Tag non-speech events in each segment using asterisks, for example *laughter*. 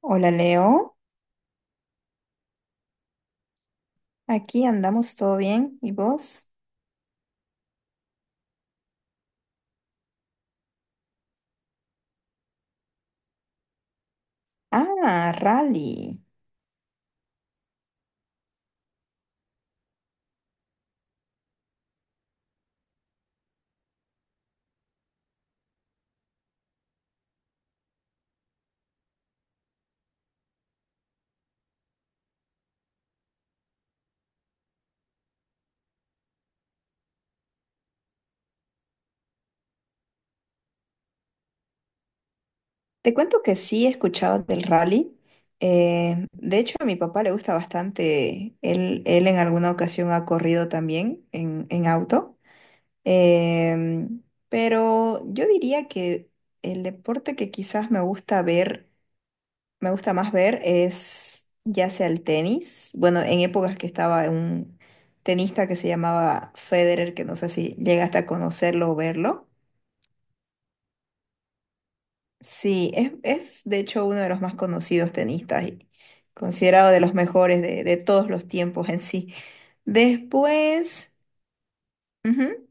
Hola Leo, aquí andamos todo bien. ¿Y vos? Ah, rally. Te cuento que sí he escuchado del rally. De hecho, a mi papá le gusta bastante. Él en alguna ocasión ha corrido también en auto. Em, pero yo diría que el deporte que quizás me gusta más ver es ya sea el tenis. Bueno, en épocas que estaba un tenista que se llamaba Federer, que no sé si llegaste a conocerlo o verlo. Sí, es de hecho uno de los más conocidos tenistas y considerado de los mejores de todos los tiempos en sí. Después. Ujú,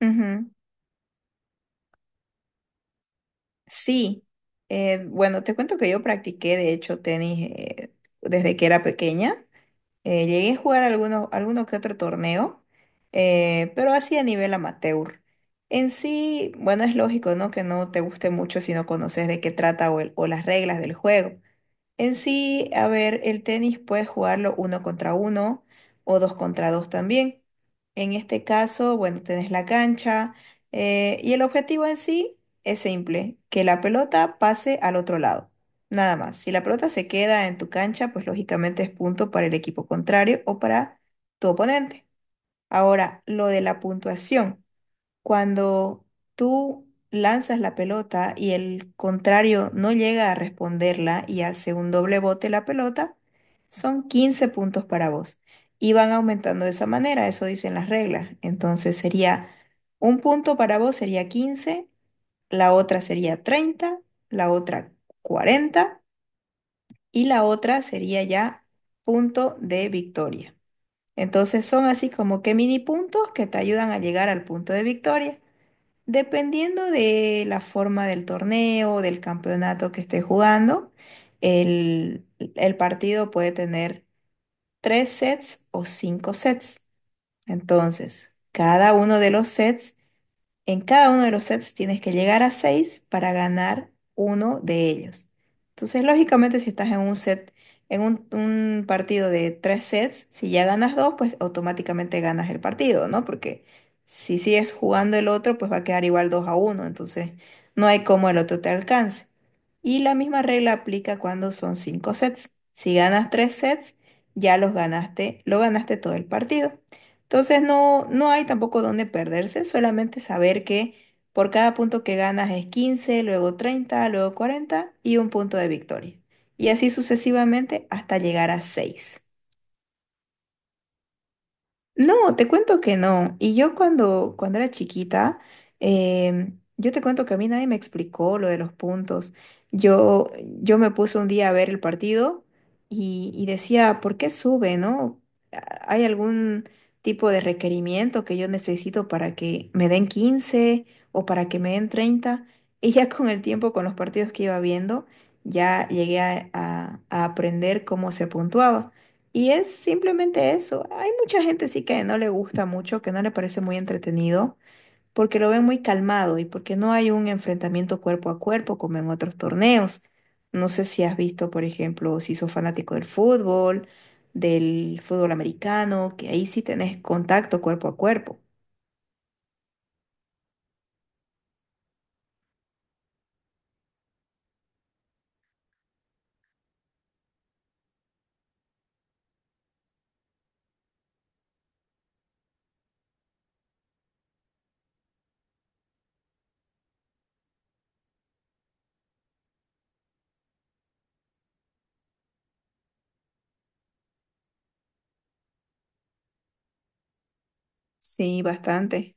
ujú. Sí, bueno, te cuento que yo practiqué de hecho tenis desde que era pequeña. Llegué a jugar alguno que otro torneo, pero así a nivel amateur. En sí, bueno, es lógico, ¿no? Que no te guste mucho si no conoces de qué trata o, o las reglas del juego. En sí, a ver, el tenis puedes jugarlo uno contra uno o dos contra dos también. En este caso, bueno, tenés la cancha y el objetivo en sí es simple, que la pelota pase al otro lado. Nada más. Si la pelota se queda en tu cancha, pues lógicamente es punto para el equipo contrario o para tu oponente. Ahora, lo de la puntuación. Cuando tú lanzas la pelota y el contrario no llega a responderla y hace un doble bote la pelota, son 15 puntos para vos. Y van aumentando de esa manera, eso dicen las reglas. Entonces sería un punto para vos sería 15, la otra sería 30, la otra 40 y la otra sería ya punto de victoria. Entonces son así como que mini puntos que te ayudan a llegar al punto de victoria. Dependiendo de la forma del torneo, del campeonato que esté jugando, el, el partido puede tener 3 sets o 5 sets. Entonces, cada uno de los sets en cada uno de los sets tienes que llegar a 6 para ganar uno de ellos. Entonces, lógicamente, si estás en un set, en un partido de 3 sets, si ya ganas dos, pues automáticamente ganas el partido, ¿no? Porque si sigues jugando el otro, pues va a quedar igual 2-1. Entonces, no hay cómo el otro te alcance. Y la misma regla aplica cuando son 5 sets. Si ganas 3 sets, ya los ganaste, lo ganaste todo el partido. Entonces no, no hay tampoco dónde perderse, solamente saber que por cada punto que ganas es 15, luego 30, luego 40 y un punto de victoria. Y así sucesivamente hasta llegar a 6. No, te cuento que no. Y yo cuando, cuando era chiquita, yo te cuento que a mí nadie me explicó lo de los puntos. Yo me puse un día a ver el partido y decía, ¿por qué sube, no? ¿Hay algún tipo de requerimiento que yo necesito para que me den 15 o para que me den 30? *laughs* Y ya con el tiempo, con los partidos que iba viendo, ya llegué a aprender cómo se puntuaba. Y es simplemente eso. Hay mucha gente sí que no le gusta mucho, que no le parece muy entretenido, porque lo ven muy calmado y porque no hay un enfrentamiento cuerpo a cuerpo como en otros torneos. No sé si has visto, por ejemplo, si sos fanático del fútbol americano, que ahí sí tenés contacto cuerpo a cuerpo. Sí, bastante.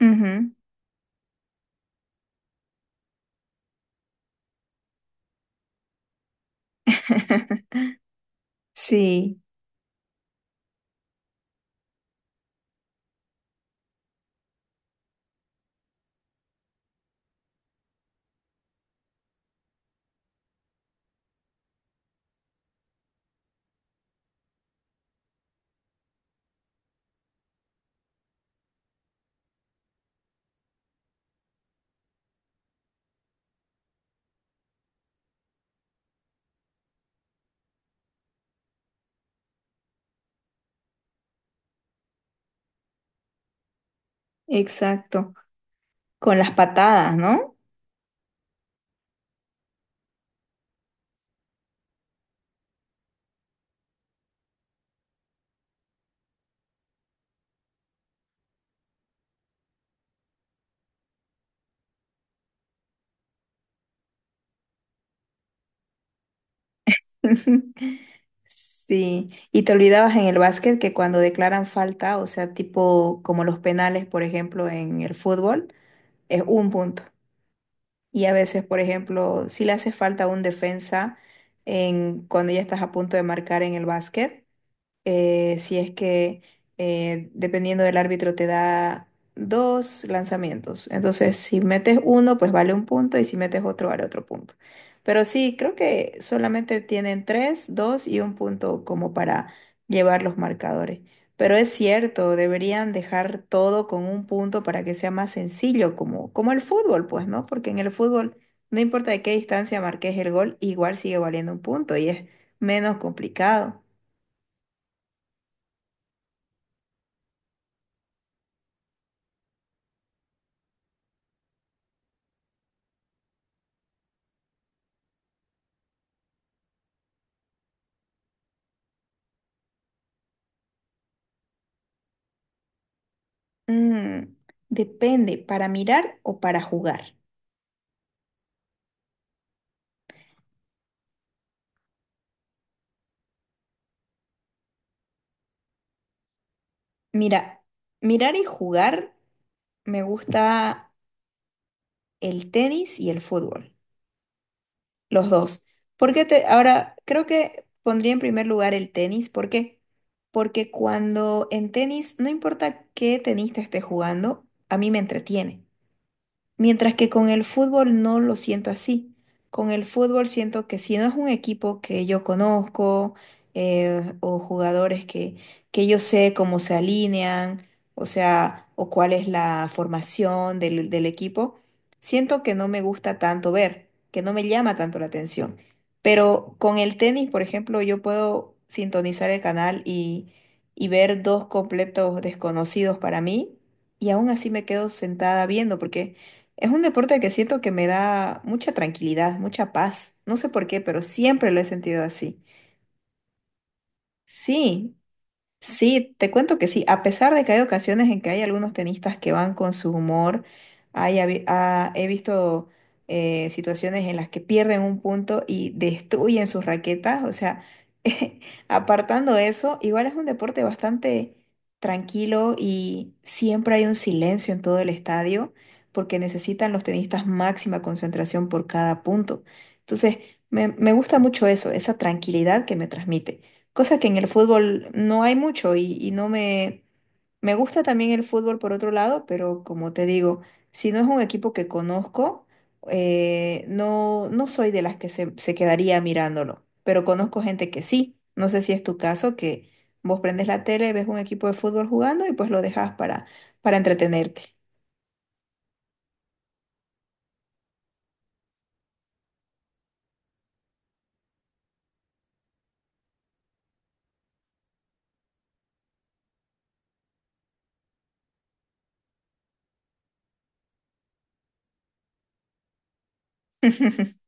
Ujú. *laughs* Sí, exacto. Con las patadas, ¿no? *laughs* Sí, y te olvidabas en el básquet que cuando declaran falta, o sea, tipo como los penales, por ejemplo, en el fútbol, es un punto. Y a veces, por ejemplo, si le hace falta a un defensa cuando ya estás a punto de marcar en el básquet, si es que dependiendo del árbitro te da dos lanzamientos. Entonces, si metes uno, pues vale un punto y si metes otro, vale otro punto. Pero sí, creo que solamente tienen tres, dos y un punto como para llevar los marcadores. Pero es cierto, deberían dejar todo con un punto para que sea más sencillo, como el fútbol, pues, ¿no? Porque en el fútbol, no importa de qué distancia marques el gol, igual sigue valiendo un punto y es menos complicado. Mm, depende, ¿para mirar o para jugar? Mira, mirar y jugar me gusta el tenis y el fútbol, los dos. Ahora creo que pondría en primer lugar el tenis, ¿por qué? Porque cuando en tenis, no importa qué tenista esté jugando, a mí me entretiene. Mientras que con el fútbol no lo siento así. Con el fútbol siento que si no es un equipo que yo conozco o jugadores que yo sé cómo se alinean, o sea, o cuál es la formación del equipo, siento que no me gusta tanto ver, que no me llama tanto la atención. Pero con el tenis, por ejemplo, yo puedo sintonizar el canal y ver dos completos desconocidos para mí y aún así me quedo sentada viendo porque... Es un deporte que siento que me da mucha tranquilidad, mucha paz. No sé por qué, pero siempre lo he sentido así. Sí, sí, te cuento que sí, a pesar de que hay ocasiones en que hay algunos tenistas que van con su humor, ah, he visto situaciones en las que pierden un punto y destruyen sus raquetas, o sea, *laughs* apartando eso, igual es un deporte bastante tranquilo y siempre hay un silencio en todo el estadio porque necesitan los tenistas máxima concentración por cada punto. Entonces, me gusta mucho eso, esa tranquilidad que me transmite. Cosa que en el fútbol no hay mucho y no me... Me gusta también el fútbol por otro lado, pero como te digo, si no es un equipo que conozco, no, no soy de las que se quedaría mirándolo, pero conozco gente que sí. No sé si es tu caso, que vos prendes la tele, ves un equipo de fútbol jugando y pues lo dejas para entretenerte. *laughs*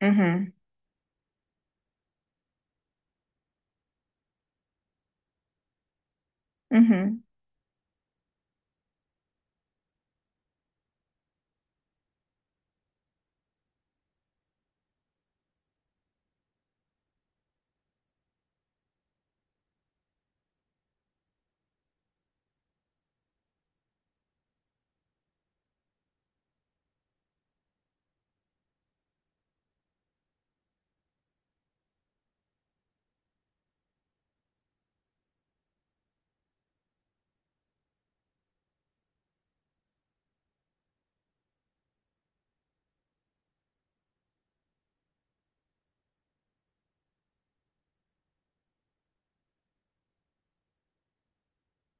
Ujú, ujú.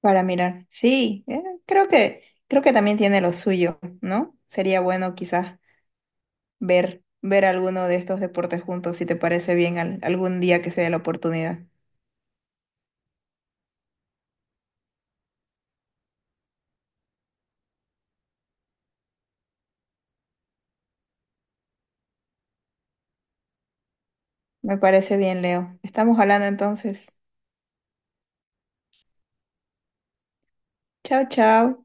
Para mirar. Sí, creo creo que también tiene lo suyo, ¿no? Sería bueno quizás ver alguno de estos deportes juntos, si te parece bien, algún día que se dé la oportunidad. Me parece bien, Leo. Estamos hablando entonces. Chao, chao.